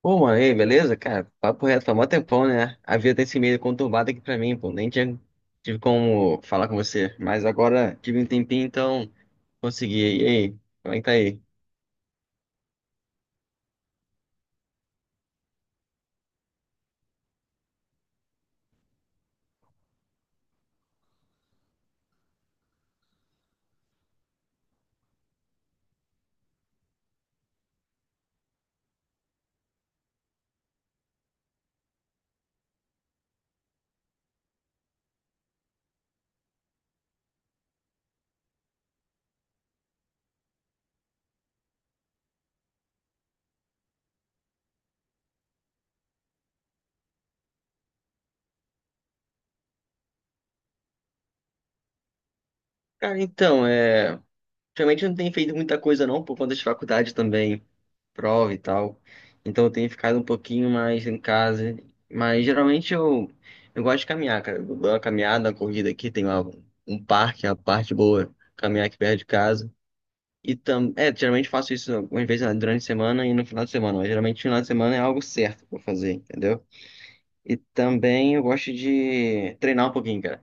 Pô, mano, e aí, beleza? Cara, papo reto, foi mó tempão, né? A vida tem esse meio conturbado aqui pra mim, pô. Nem tinha, tive como falar com você, mas agora tive um tempinho, então consegui. E aí, como é que tá aí? Cara, então, realmente eu não tenho feito muita coisa não, por conta de faculdade também, prova e tal. Então eu tenho ficado um pouquinho mais em casa. Mas geralmente eu gosto de caminhar, cara. Eu dou uma caminhada, uma corrida aqui, um parque, a parte boa, caminhar aqui perto de casa. Geralmente faço isso algumas vezes, né, durante a semana e no final de semana, mas geralmente no final de semana é algo certo pra eu fazer, entendeu? E também eu gosto de treinar um pouquinho, cara.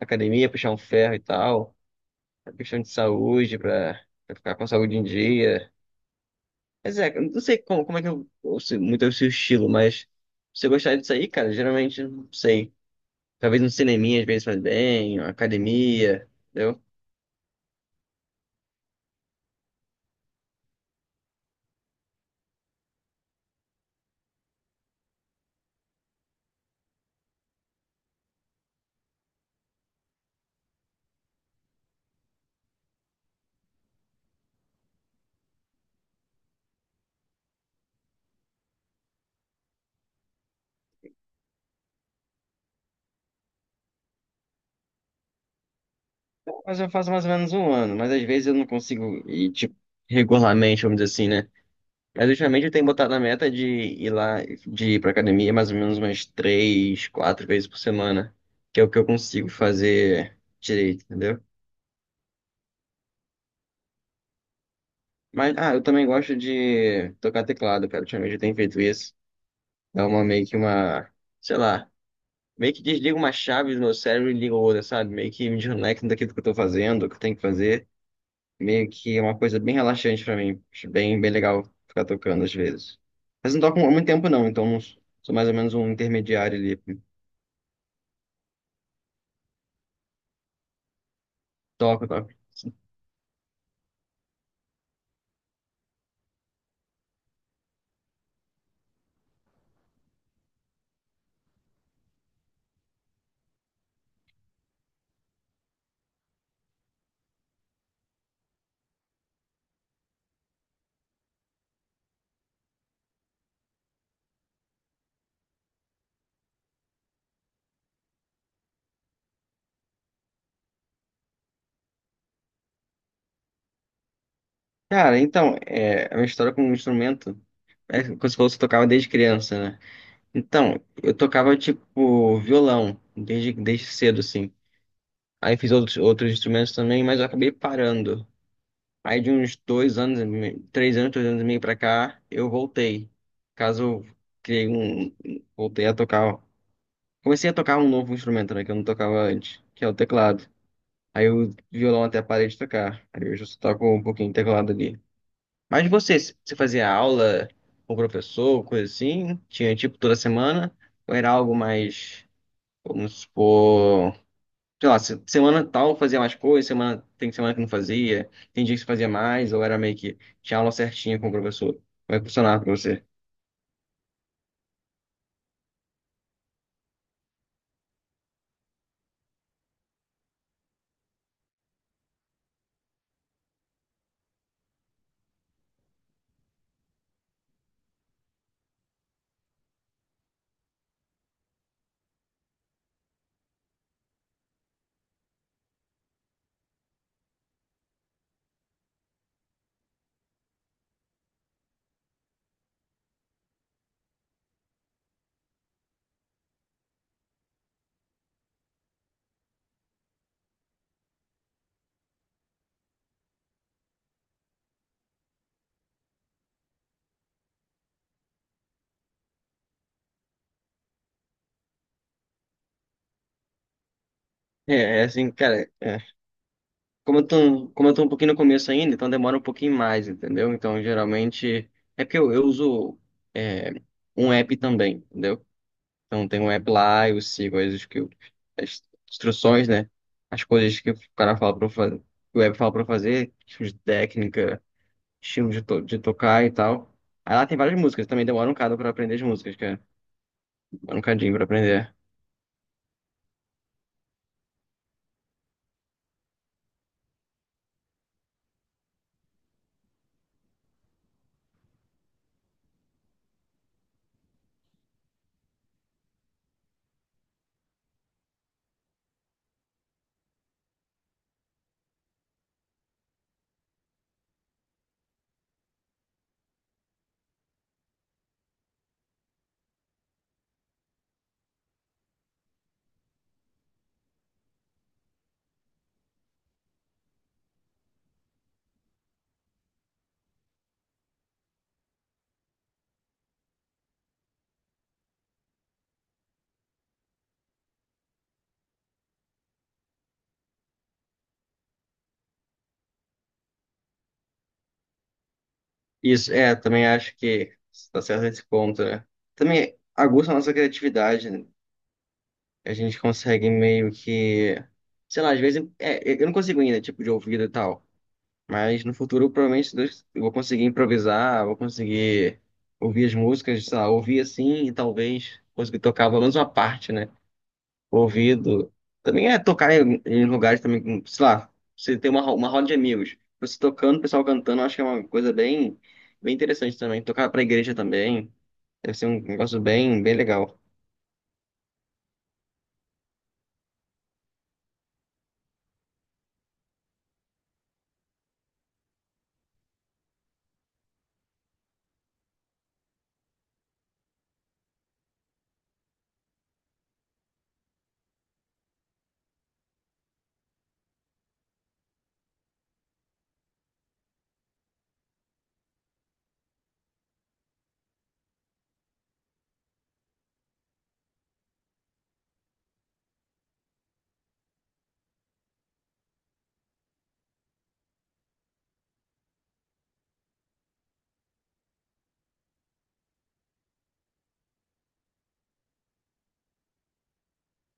Academia, puxar um ferro e tal, a questão de saúde, pra ficar com a saúde em dia. Mas é, eu não sei como, como é que eu sei muito é o seu estilo, mas se você gostar disso aí, cara, geralmente, não sei, talvez um cineminha às vezes faz bem, uma academia, entendeu? Mas eu faço mais ou menos um ano, mas às vezes eu não consigo ir, tipo, regularmente, vamos dizer assim, né? Mas ultimamente eu tenho botado a meta de ir lá, de ir pra academia mais ou menos umas três, quatro vezes por semana, que é o que eu consigo fazer direito, entendeu? Mas, ah, eu também gosto de tocar teclado, cara. Ultimamente eu tenho feito isso. Dá uma meio que uma, sei lá, Meio que desliga uma chave do meu cérebro e liga outra, sabe? Meio que me desconecta daquilo que eu tô fazendo, o que eu tenho que fazer. Meio que é uma coisa bem relaxante pra mim. Acho bem, bem legal ficar tocando às vezes. Mas não toco há muito tempo não, então não sou mais ou menos um intermediário ali. Toco, toco. Cara, então, é, a minha história com o instrumento é como você fosse, eu tocava desde criança, né? Então, eu tocava tipo violão desde cedo, assim. Aí fiz outros instrumentos também, mas eu acabei parando. Aí de uns dois anos, três anos, dois anos e meio pra cá, eu voltei. Caso eu criei um, voltei a tocar Comecei a tocar um novo instrumento, né, que eu não tocava antes, que é o teclado. Aí o violão até parei de tocar. Aí hoje eu só toco um pouquinho de teclado ali. Mas você fazia aula com o professor, coisa assim? Tinha tipo toda semana? Ou era algo mais, vamos supor, sei lá, semana tal fazia mais coisa, semana, tem semana que não fazia, tem dia que você fazia mais, ou era meio que tinha aula certinha com o professor? Como é que funcionava pra você? É, é assim, cara. Como eu tô um pouquinho no começo ainda, então demora um pouquinho mais, entendeu? Então, geralmente, é porque eu uso é, um app também, entendeu? Então, tem um app lá, eu sigo as instruções, né? As coisas que o cara fala pra eu fazer, que o app fala pra eu fazer, tipo de técnica, de tocar e tal. Aí lá tem várias músicas, também demora um bocado pra aprender as músicas, cara. Demora um cadinho pra aprender. Isso, é, também acho que tá certo esse ponto, né? Também aguça a nossa criatividade, né? A gente consegue meio que, sei lá, às vezes, é, eu não consigo ainda, tipo, de ouvido e tal, mas no futuro, provavelmente, se Deus- eu vou conseguir improvisar, vou conseguir ouvir as músicas, sei lá, ouvir assim e talvez conseguir tocar pelo menos uma parte, né? O ouvido. Também é tocar em lugares também, sei lá, você tem uma, uma roda de amigos, você tocando, o pessoal cantando, eu acho que é uma coisa bem, bem interessante também. Tocar pra igreja também, deve ser um negócio bem, bem legal.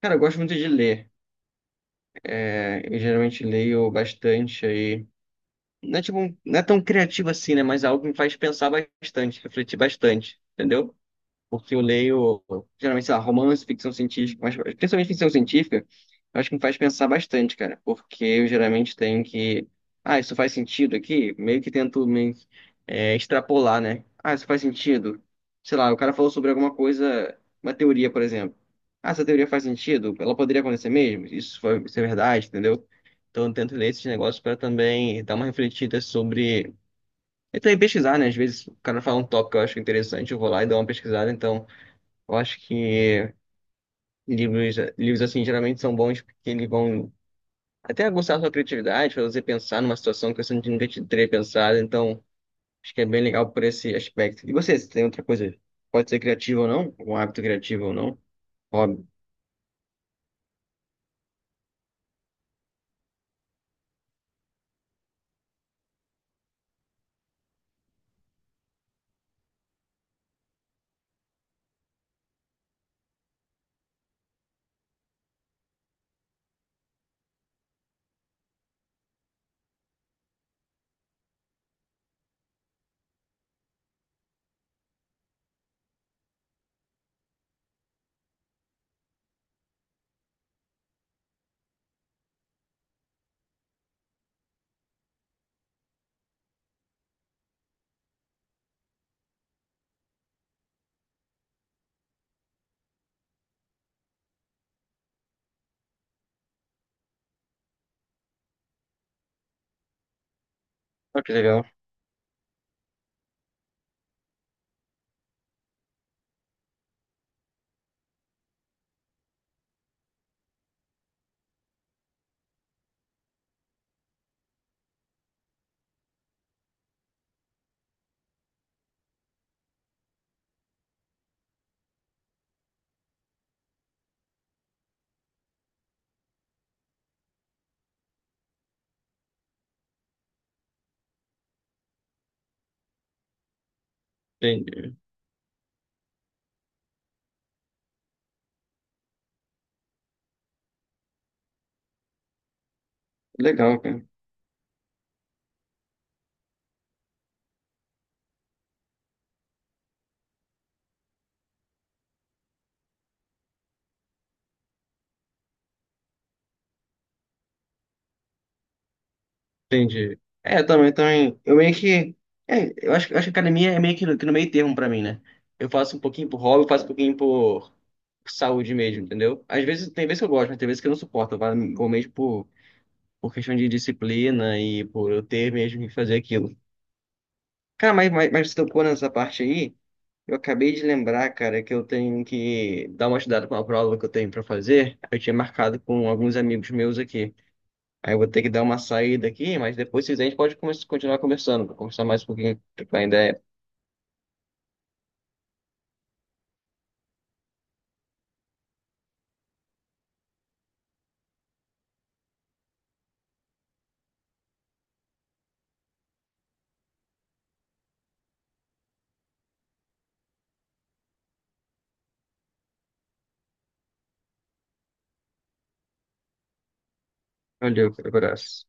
Cara, eu gosto muito de ler. É, eu geralmente leio bastante aí. Não é, tipo, não é tão criativo assim, né? Mas é algo que me faz pensar bastante, refletir bastante, entendeu? Porque eu leio, geralmente, sei lá, romance, ficção científica, mas principalmente ficção científica, eu acho que me faz pensar bastante, cara. Porque eu geralmente tenho que. Ah, isso faz sentido aqui? Meio que tento me, é, extrapolar, né? Ah, isso faz sentido. Sei lá, o cara falou sobre alguma coisa, uma teoria, por exemplo. Ah, essa teoria faz sentido? Ela poderia acontecer mesmo? Isso é verdade, entendeu? Então, eu tento ler esses negócios para também dar uma refletida sobre. E também pesquisar, né? Às vezes o cara fala um tópico que eu acho interessante, eu vou lá e dou uma pesquisada. Então, eu acho que livros assim, geralmente são bons porque eles vão até aguçar a sua criatividade, fazer você pensar numa situação que você nunca te teria pensado. Então, acho que é bem legal por esse aspecto. E você tem outra coisa? Pode ser criativo ou não? Um hábito criativo ou não? Hobby. Ah, que legal. Entendi. Legal, cara. Entendi. É, também, também. Eu meio que. É, eu acho que academia é meio que no meio termo pra mim, né? Eu faço um pouquinho por hobby, eu faço um pouquinho por saúde mesmo, entendeu? Às vezes, tem vezes que eu gosto, mas tem vezes que eu não suporto. Eu falo, vou mesmo por questão de disciplina e por eu ter mesmo que fazer aquilo. Cara, mas você tocou nessa parte aí, eu acabei de lembrar, cara, que eu tenho que dar uma estudada com uma prova que eu tenho pra fazer. Eu tinha marcado com alguns amigos meus aqui. Aí eu vou ter que dar uma saída aqui, mas depois se quiser a gente pode continuar conversando, pra conversar mais um pouquinho, trocar ideia. Valeu, abraço.